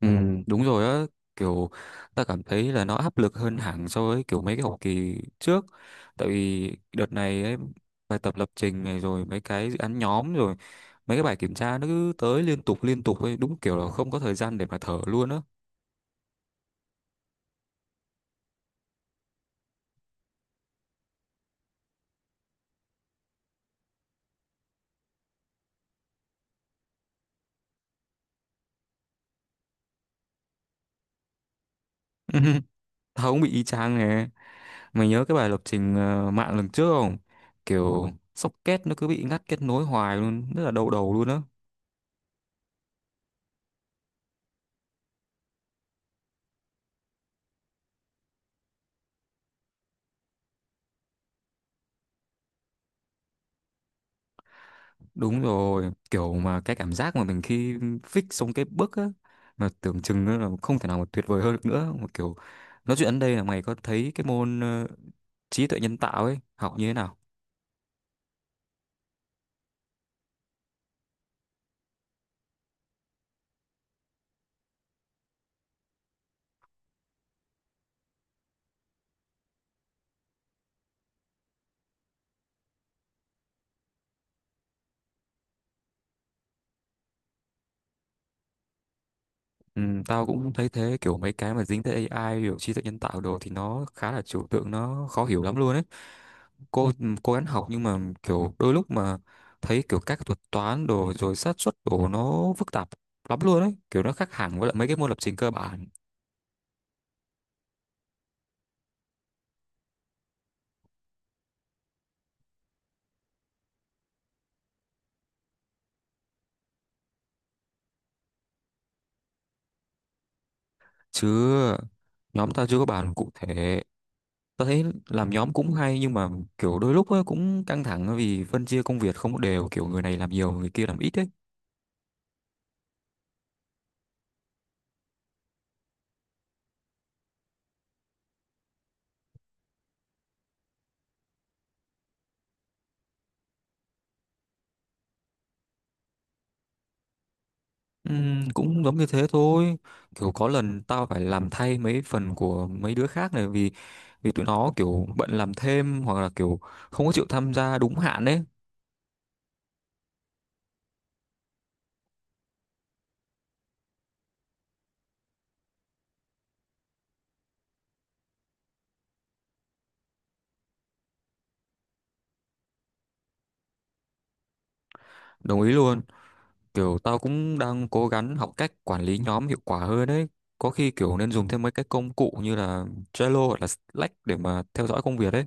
Ừ, đúng rồi á, kiểu ta cảm thấy là nó áp lực hơn hẳn so với kiểu mấy cái học kỳ trước. Tại vì đợt này ấy, bài tập lập trình này rồi mấy cái dự án nhóm rồi mấy cái bài kiểm tra nó cứ tới liên tục ấy, đúng kiểu là không có thời gian để mà thở luôn á. Tao cũng bị y chang nè. Mày nhớ cái bài lập trình mạng lần trước không? Kiểu socket nó cứ bị ngắt kết nối hoài luôn, rất là đau đầu luôn á. Đúng rồi, kiểu mà cái cảm giác mà mình khi fix xong cái bước á, mà tưởng chừng nó là không thể nào mà tuyệt vời hơn được nữa. Một kiểu, nói chuyện đến đây là mày có thấy cái môn trí tuệ nhân tạo ấy, học như thế nào? Ừ, tao cũng thấy thế, kiểu mấy cái mà dính tới AI, kiểu trí tuệ nhân tạo đồ thì nó khá là trừu tượng, nó khó hiểu lắm luôn ấy. Cô cố gắng học nhưng mà kiểu đôi lúc mà thấy kiểu các thuật toán đồ rồi xác suất đồ nó phức tạp lắm luôn ấy, kiểu nó khác hẳn với lại mấy cái môn lập trình cơ bản. Chứ nhóm tao chưa có bàn cụ thể. Tao thấy làm nhóm cũng hay nhưng mà kiểu đôi lúc ấy cũng căng thẳng vì phân chia công việc không có đều, kiểu người này làm nhiều người kia làm ít ấy. Cũng giống như thế thôi, kiểu có lần tao phải làm thay mấy phần của mấy đứa khác này vì vì tụi nó kiểu bận làm thêm hoặc là kiểu không có chịu tham gia đúng hạn ấy. Đồng ý luôn. Kiểu tao cũng đang cố gắng học cách quản lý nhóm hiệu quả hơn đấy. Có khi kiểu nên dùng thêm mấy cái công cụ như là Trello hoặc là Slack để mà theo dõi công việc đấy.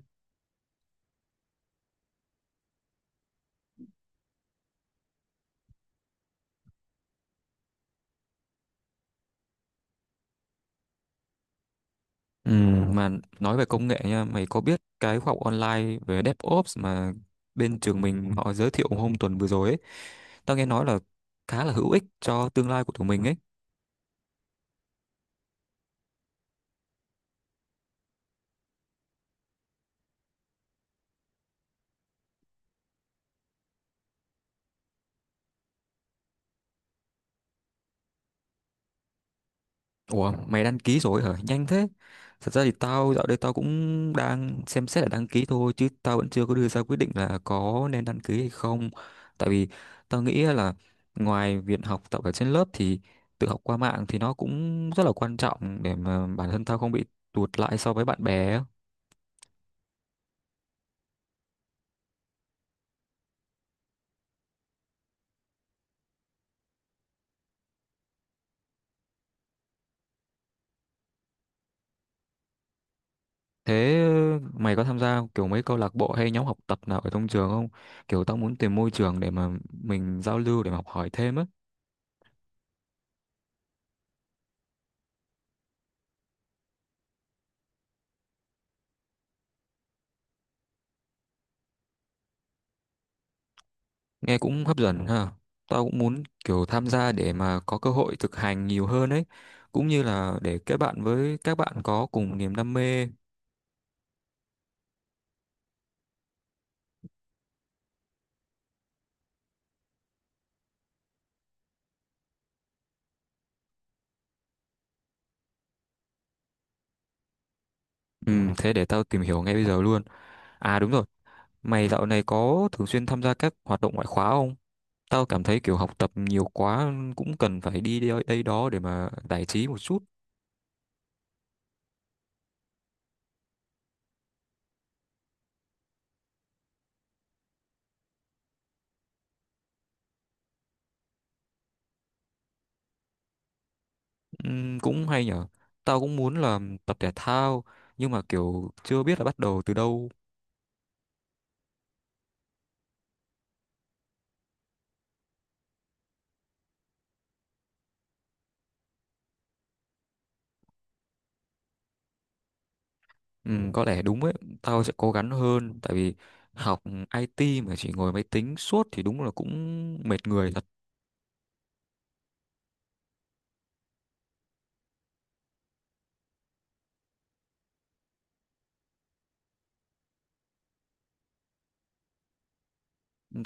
Ừ, mà nói về công nghệ nha, mày có biết cái khóa học online về DevOps mà bên trường mình họ giới thiệu hôm tuần vừa rồi ấy, tao nghe nói là khá là hữu ích cho tương lai của tụi mình ấy. Ủa, mày đăng ký rồi hả? Nhanh thế. Thật ra thì tao dạo đây tao cũng đang xem xét là đăng ký thôi, chứ tao vẫn chưa có đưa ra quyết định là có nên đăng ký hay không. Tại vì tao nghĩ là ngoài việc học tập ở trên lớp thì tự học qua mạng thì nó cũng rất là quan trọng để mà bản thân tao không bị tụt lại so với bạn bè á. Thế mày có tham gia kiểu mấy câu lạc bộ hay nhóm học tập nào ở trong trường không? Kiểu tao muốn tìm môi trường để mà mình giao lưu để mà học hỏi thêm á. Nghe cũng hấp dẫn ha. Tao cũng muốn kiểu tham gia để mà có cơ hội thực hành nhiều hơn ấy. Cũng như là để kết bạn với các bạn có cùng niềm đam mê. Ừ, thế để tao tìm hiểu ngay bây giờ luôn. À đúng rồi, mày dạo này có thường xuyên tham gia các hoạt động ngoại khóa không? Tao cảm thấy kiểu học tập nhiều quá cũng cần phải đi đây đó để mà giải trí một chút. Ừ, cũng hay nhở. Tao cũng muốn là tập thể thao nhưng mà kiểu chưa biết là bắt đầu từ đâu. Ừ, có lẽ đúng ấy, tao sẽ cố gắng hơn tại vì học IT mà chỉ ngồi máy tính suốt thì đúng là cũng mệt người thật.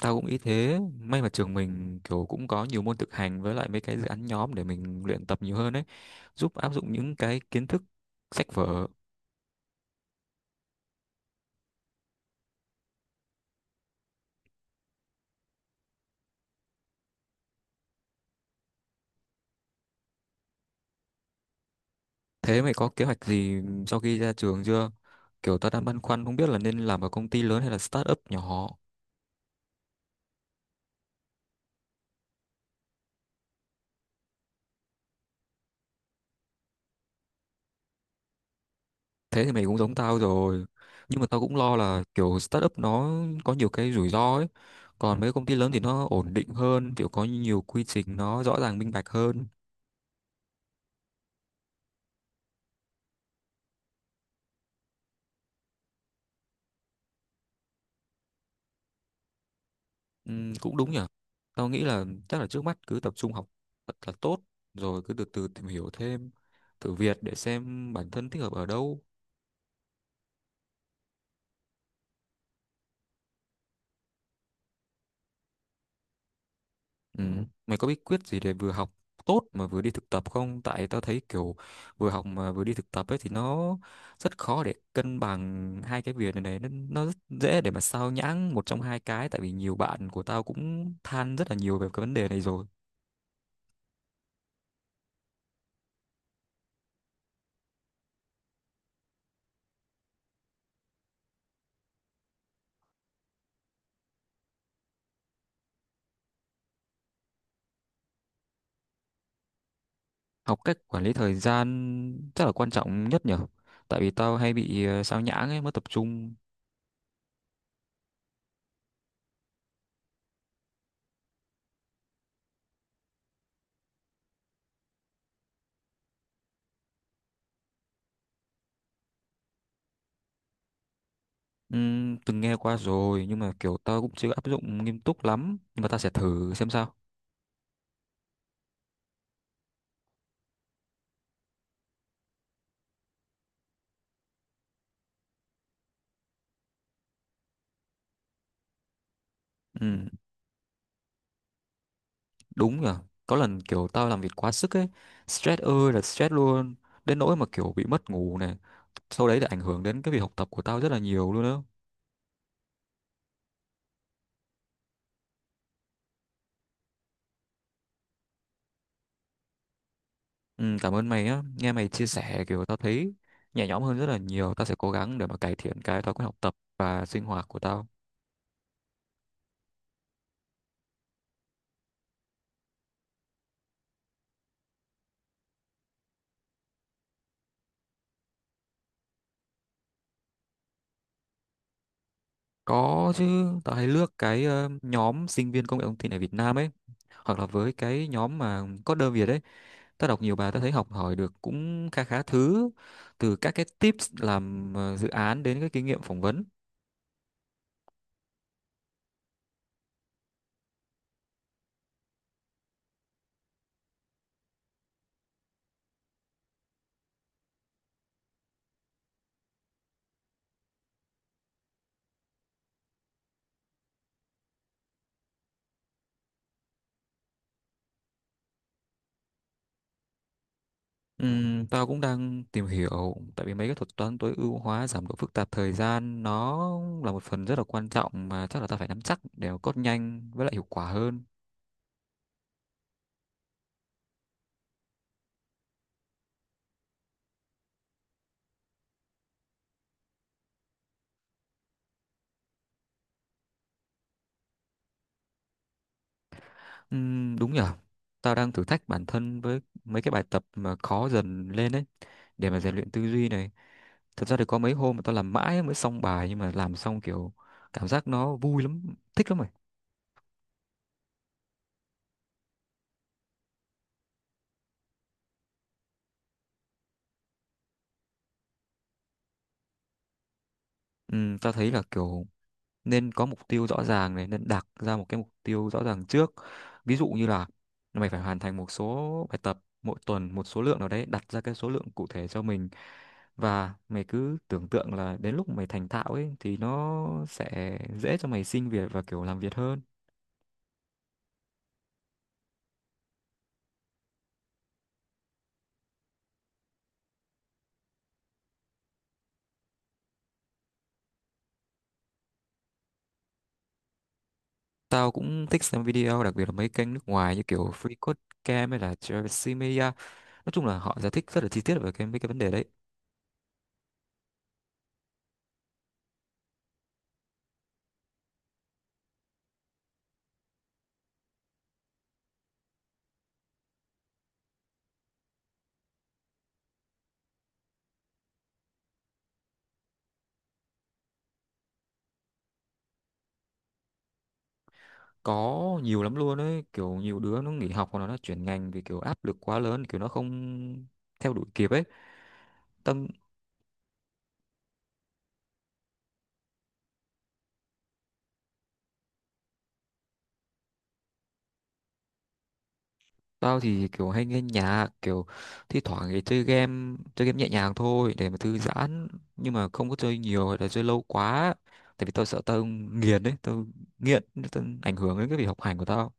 Tao cũng ý thế, may mà trường mình kiểu cũng có nhiều môn thực hành với lại mấy cái dự án nhóm để mình luyện tập nhiều hơn ấy, giúp áp dụng những cái kiến thức sách vở. Thế mày có kế hoạch gì sau khi ra trường chưa? Kiểu tao đang băn khoăn không biết là nên làm ở công ty lớn hay là startup nhỏ. Thế thì mày cũng giống tao rồi, nhưng mà tao cũng lo là kiểu startup nó có nhiều cái rủi ro ấy, còn mấy công ty lớn thì nó ổn định hơn, kiểu có nhiều quy trình nó rõ ràng minh bạch hơn. Cũng đúng nhở. Tao nghĩ là chắc là trước mắt cứ tập trung học thật là tốt, rồi cứ từ từ tìm hiểu thêm, thử việc để xem bản thân thích hợp ở đâu. Ừ. Mày có bí quyết gì để vừa học tốt mà vừa đi thực tập không? Tại tao thấy kiểu vừa học mà vừa đi thực tập ấy thì nó rất khó để cân bằng hai cái việc này này. Nó rất dễ để mà sao nhãng một trong hai cái. Tại vì nhiều bạn của tao cũng than rất là nhiều về cái vấn đề này rồi. Học cách quản lý thời gian rất là quan trọng nhất nhở. Tại vì tao hay bị sao nhãng ấy, mất tập trung. Từng nghe qua rồi nhưng mà kiểu tao cũng chưa áp dụng nghiêm túc lắm. Nhưng mà tao sẽ thử xem sao. Ừ. Đúng rồi. Có lần kiểu tao làm việc quá sức ấy, stress ơi là stress luôn, đến nỗi mà kiểu bị mất ngủ này. Sau đấy là ảnh hưởng đến cái việc học tập của tao rất là nhiều luôn đó. Ừ, cảm ơn mày á, nghe mày chia sẻ kiểu tao thấy nhẹ nhõm hơn rất là nhiều, tao sẽ cố gắng để mà cải thiện cái thói quen học tập và sinh hoạt của tao. Có chứ, tao hay lướt cái nhóm sinh viên công nghệ thông tin ở Việt Nam ấy, hoặc là với cái nhóm mà coder Việt ấy. Tớ đọc nhiều bài tớ thấy học hỏi được cũng khá khá thứ, từ các cái tips làm dự án đến cái kinh nghiệm phỏng vấn. Tao cũng đang tìm hiểu tại vì mấy cái thuật toán tối ưu hóa giảm độ phức tạp thời gian nó là một phần rất là quan trọng, mà chắc là tao phải nắm chắc để mà code nhanh với lại hiệu quả hơn. Đúng nhở. Tao đang thử thách bản thân với mấy cái bài tập mà khó dần lên đấy để mà rèn luyện tư duy này. Thật ra thì có mấy hôm mà tao làm mãi mới xong bài nhưng mà làm xong kiểu cảm giác nó vui lắm, thích lắm. Ừ, tao thấy là kiểu nên có mục tiêu rõ ràng này, nên đặt ra một cái mục tiêu rõ ràng trước. Ví dụ như là mày phải hoàn thành một số bài tập mỗi tuần, một số lượng nào đấy, đặt ra cái số lượng cụ thể cho mình, và mày cứ tưởng tượng là đến lúc mày thành thạo ấy thì nó sẽ dễ cho mày xin việc và kiểu làm việc hơn. Tao cũng thích xem video, đặc biệt là mấy kênh nước ngoài như kiểu Free Code Camp hay là Travis Media. Nói chung là họ giải thích rất là chi tiết về cái mấy cái vấn đề đấy. Có nhiều lắm luôn ấy, kiểu nhiều đứa nó nghỉ học hoặc là nó chuyển ngành vì kiểu áp lực quá lớn, kiểu nó không theo đuổi kịp ấy. Tâm tao thì kiểu hay nghe nhạc, kiểu thi thoảng thì chơi game nhẹ nhàng thôi để mà thư giãn, nhưng mà không có chơi nhiều hay là chơi lâu quá, tại vì tao sợ tao nghiền ấy, tao nghiện, tao ảnh hưởng đến cái việc học hành của tao.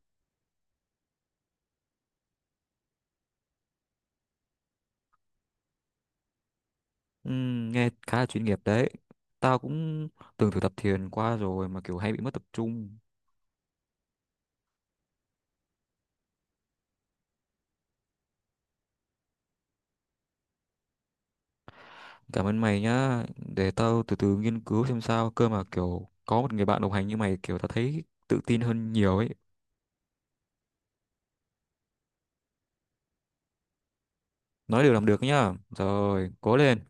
Nghe khá là chuyên nghiệp đấy. Tao cũng từng thử tập thiền qua rồi mà kiểu hay bị mất tập trung. Cảm ơn mày nhá, để tao từ từ nghiên cứu xem sao, cơ mà kiểu có một người bạn đồng hành như mày kiểu tao thấy tự tin hơn nhiều ấy. Nói được làm được nhá. Rồi, cố lên.